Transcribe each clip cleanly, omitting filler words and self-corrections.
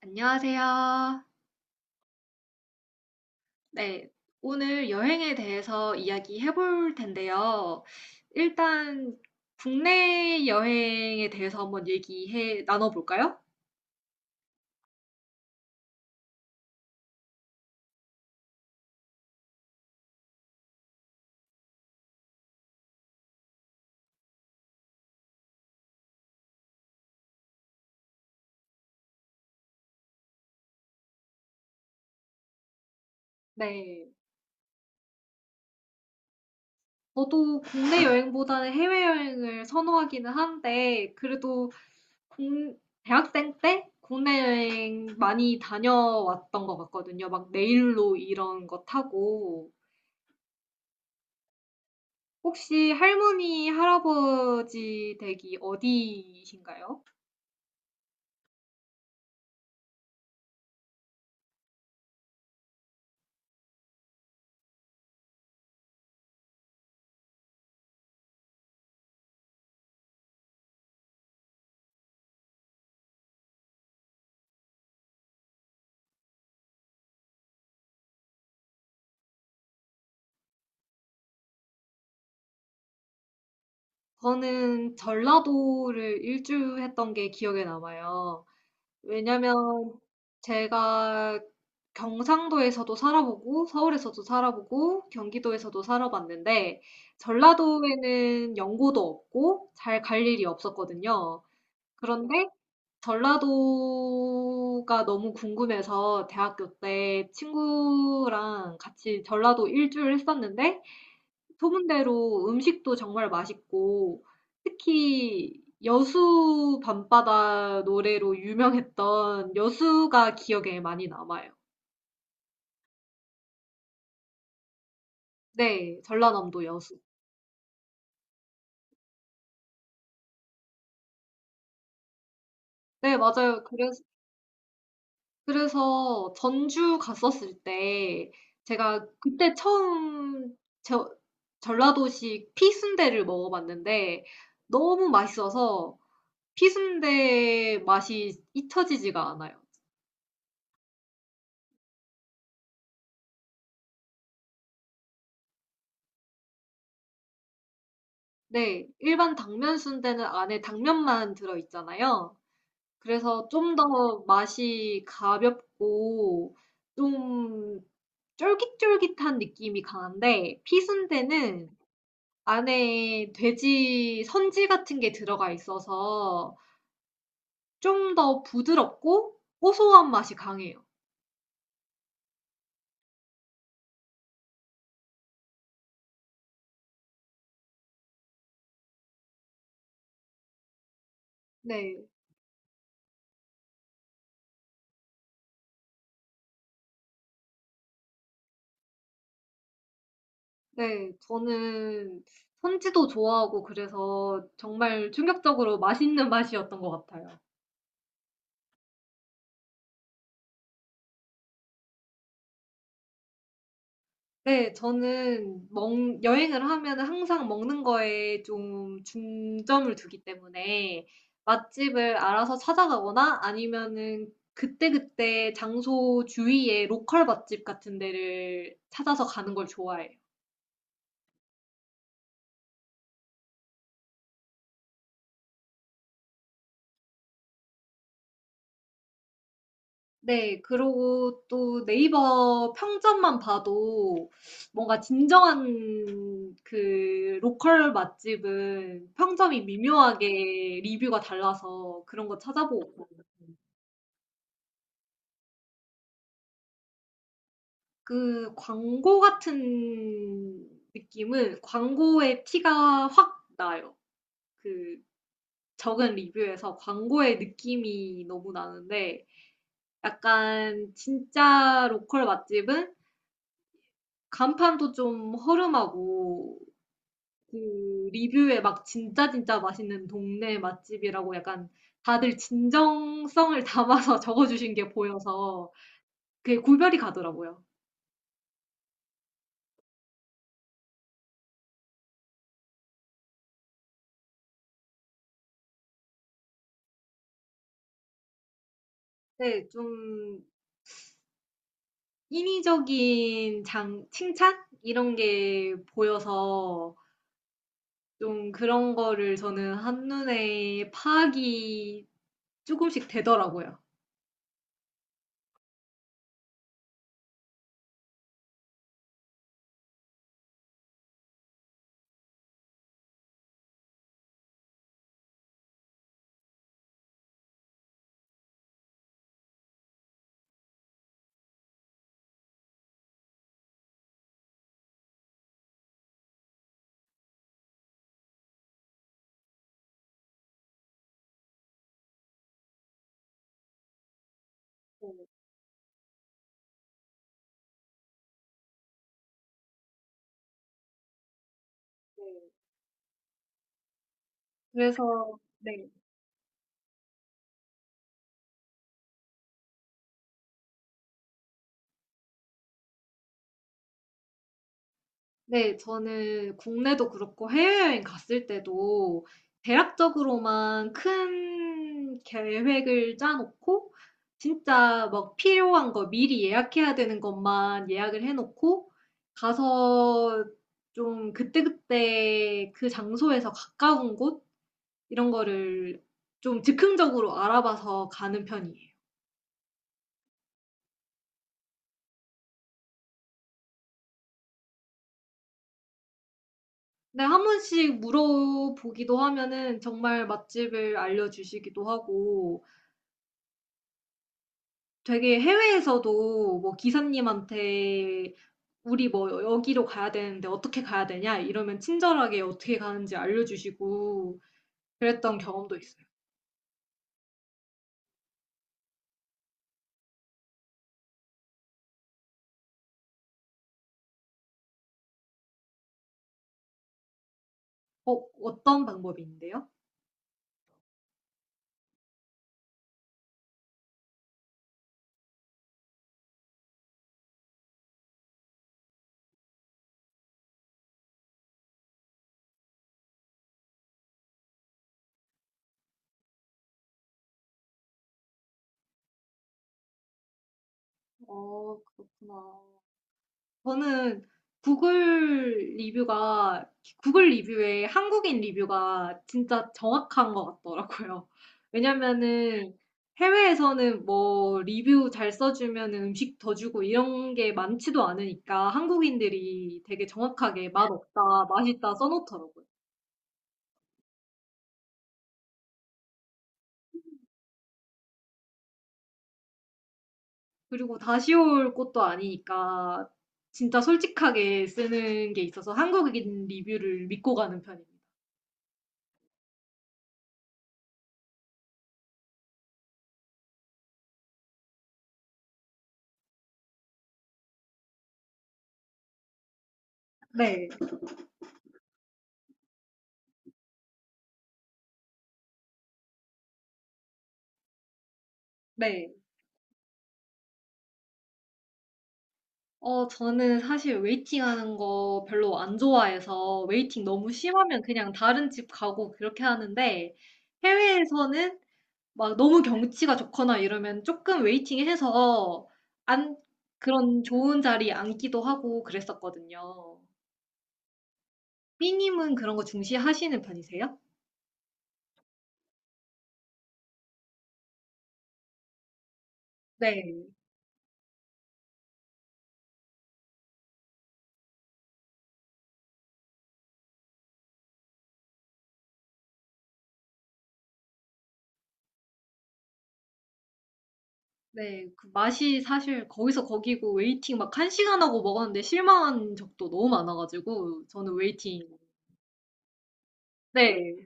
안녕하세요. 네, 오늘 여행에 대해서 이야기해 볼 텐데요. 일단 국내 여행에 대해서 한번 얘기해 나눠볼까요? 네. 저도 국내 여행보다는 해외여행을 선호하기는 한데, 그래도 공- 대학생 때 국내 여행 많이 다녀왔던 것 같거든요. 막 내일로 이런 거 타고. 혹시 할머니, 할아버지 댁이 어디이신가요? 저는 전라도를 일주했던 게 기억에 남아요. 왜냐면 제가 경상도에서도 살아보고 서울에서도 살아보고 경기도에서도 살아봤는데 전라도에는 연고도 없고 잘 갈 일이 없었거든요. 그런데 전라도가 너무 궁금해서 대학교 때 친구랑 같이 전라도 일주를 했었는데 소문대로 음식도 정말 맛있고 특히 여수 밤바다 노래로 유명했던 여수가 기억에 많이 남아요. 네, 전라남도 여수. 네, 맞아요. 그래서, 그래서 전주 갔었을 때 제가 그때 처음 저, 전라도식 피순대를 먹어봤는데 너무 맛있어서 피순대 맛이 잊혀지지가 않아요. 네. 일반 당면 순대는 안에 당면만 들어 있잖아요. 그래서 좀 더 맛이 가볍고 좀 쫄깃쫄깃한 느낌이 강한데 피순대는 안에 돼지 선지 같은 게 들어가 있어서 좀 더 부드럽고 고소한 맛이 강해요. 네. 네. 저는 선지도 좋아하고 그래서 정말 충격적으로 맛있는 맛이었던 것 같아요. 네. 저는 먹 여행을 하면 항상 먹는 거에 좀 중점을 두기 때문에 맛집을 알아서 찾아가거나 아니면은 그때그때 장소 주위에 로컬 맛집 같은 데를 찾아서 가는 걸 좋아해요. 네. 그리고 또 네이버 평점만 봐도 뭔가 진정한 그 로컬 맛집은 평점이 미묘하게 리뷰가 달라서 그런 거 찾아보고 그 광고 같은 느낌은 광고의 티가 확 나요. 그 적은 리뷰에서 광고의 느낌이 너무 나는데 약간 진짜 로컬 맛집은 간판도 좀 허름하고 그 리뷰에 막 진짜 진짜 맛있는 동네 맛집이라고 약간 다들 진정성을 담아서 적어주신 게 보여서 그게 구별이 가더라고요. 네, 좀 인위적인 칭찬? 이런 게 보여서 좀 그런 거를 저는 한눈에 파악이 조금씩 되더라고요. 네, 네. 그래서, 네. 네. 저는 국내도 그렇고 해외여행 갔을 때도 대략적으로만 큰 계획을 짜 놓고 진짜 막 필요한 거 미리 예약해야 되는 것만 예약을 해 놓고 가서 좀 그때그때 그 장소에서 가까운 곳 이런 거를 좀 즉흥적으로 알아봐서 가는 편이에요. 근데 한 번씩 물어보기도 하면은 정말 맛집을 알려 주시기도 하고 되게 해외에서도 뭐 기사님한테 "우리 뭐 여기로 가야 되는데 어떻게 가야 되냐?" 이러면 친절하게 어떻게 가는지 알려주시고 그랬던 경험도 있어요. 어 어떤 방법인데요? 어 그렇구나. 저는 구글 리뷰가, 구글 리뷰에 한국인 리뷰가 진짜 정확한 것 같더라고요. 왜냐면은 해외에서는 뭐 리뷰 잘 써주면 음식 더 주고 이런 게 많지도 않으니까 한국인들이 되게 정확하게 맛없다, 맛있다 써놓더라고요. 그리고 다시 올 것도 아니니까 진짜 솔직하게 쓰는 게 있어서 한국인 리뷰를 믿고 가는 편입니다. 네, 네. 어, 저는 사실 웨이팅하는 거 별로 안 좋아해서 웨이팅 너무 심하면 그냥 다른 집 가고 그렇게 하는데 해외에서는 막 너무 경치가 좋거나 이러면 조금 웨이팅해서 안 그런 좋은 자리 앉기도 하고 그랬었거든요. 삐님은 그런 거 중시하시는 편이세요? 네, 네. 그 맛이 사실 거기서 거기고 웨이팅 막 1시간 하고 먹었는데 실망한 적도 너무 많아가지고 저는 웨이팅. 네.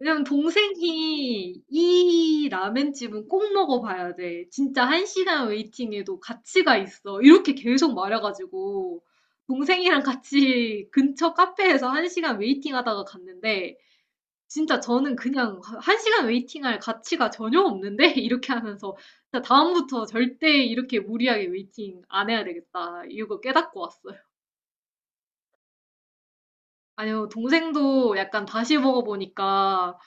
왜냐면 동생이 이 라멘집은 꼭 먹어봐야 돼. 진짜 1시간 웨이팅에도 가치가 있어. 이렇게 계속 말해가지고 동생이랑 같이 근처 카페에서 1시간 웨이팅 하다가 갔는데 진짜 저는 그냥 1시간 웨이팅할 가치가 전혀 없는데 이렇게 하면서 진짜 다음부터 절대 이렇게 무리하게 웨이팅 안 해야 되겠다. 이거 깨닫고 왔어요. 아니요, 동생도 약간 다시 먹어보니까,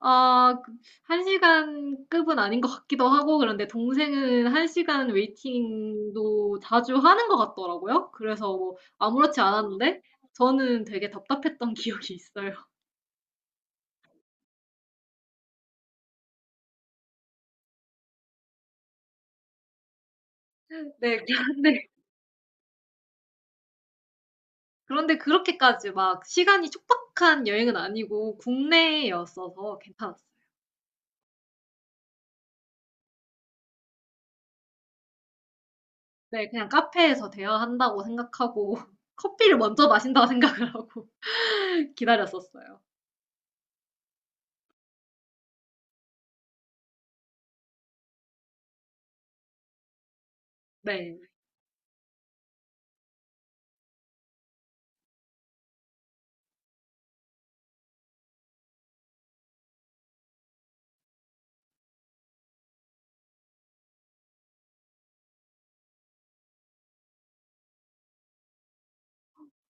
아, 1시간 급은 아닌 것 같기도 하고, 그런데 동생은 1시간 웨이팅도 자주 하는 것 같더라고요. 그래서 뭐, 아무렇지 않았는데, 저는 되게 답답했던 기억이 있어요. 네, 그런데, 그런데 그렇게까지 막 시간이 촉박한 여행은 아니고, 국내였어서 괜찮았어요. 네, 그냥 카페에서 대화한다고 생각하고, 커피를 먼저 마신다고 생각을 하고 기다렸었어요. 네.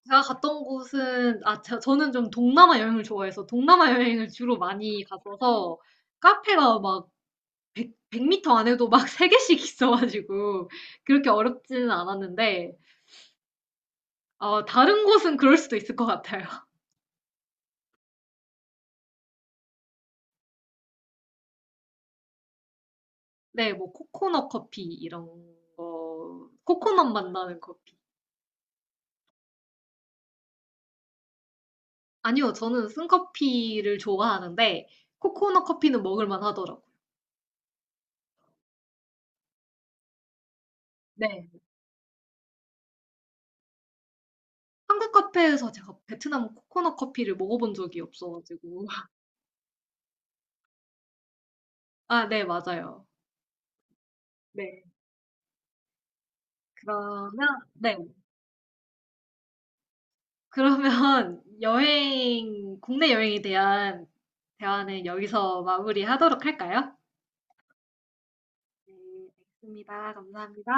제가 갔던 곳은 아 저는 좀 동남아 여행을 좋아해서 동남아 여행을 주로 많이 갔어서 카페가 막 100, 터 m 안에도 막 3개씩 있어 가지고 그렇게 어렵지는 않았는데 어 다른 곳은 그럴 수도 있을 것 같아요. 네, 뭐 코코넛 커피 이런 거 코코넛 맛 나는 커피. 아니요. 저는 쓴커피를 좋아하는데 코코넛 커피는 먹을 만 하더라고요. 네. 한국 카페에서 제가 베트남 코코넛 커피를 먹어본 적이 없어 가지고 아 네, 맞아요. 네. 그러면 네. 그러면 여행 국내 여행에 대한 대화는 여기서 마무리하도록 할까요? 네, 알겠습니다. 감사합니다.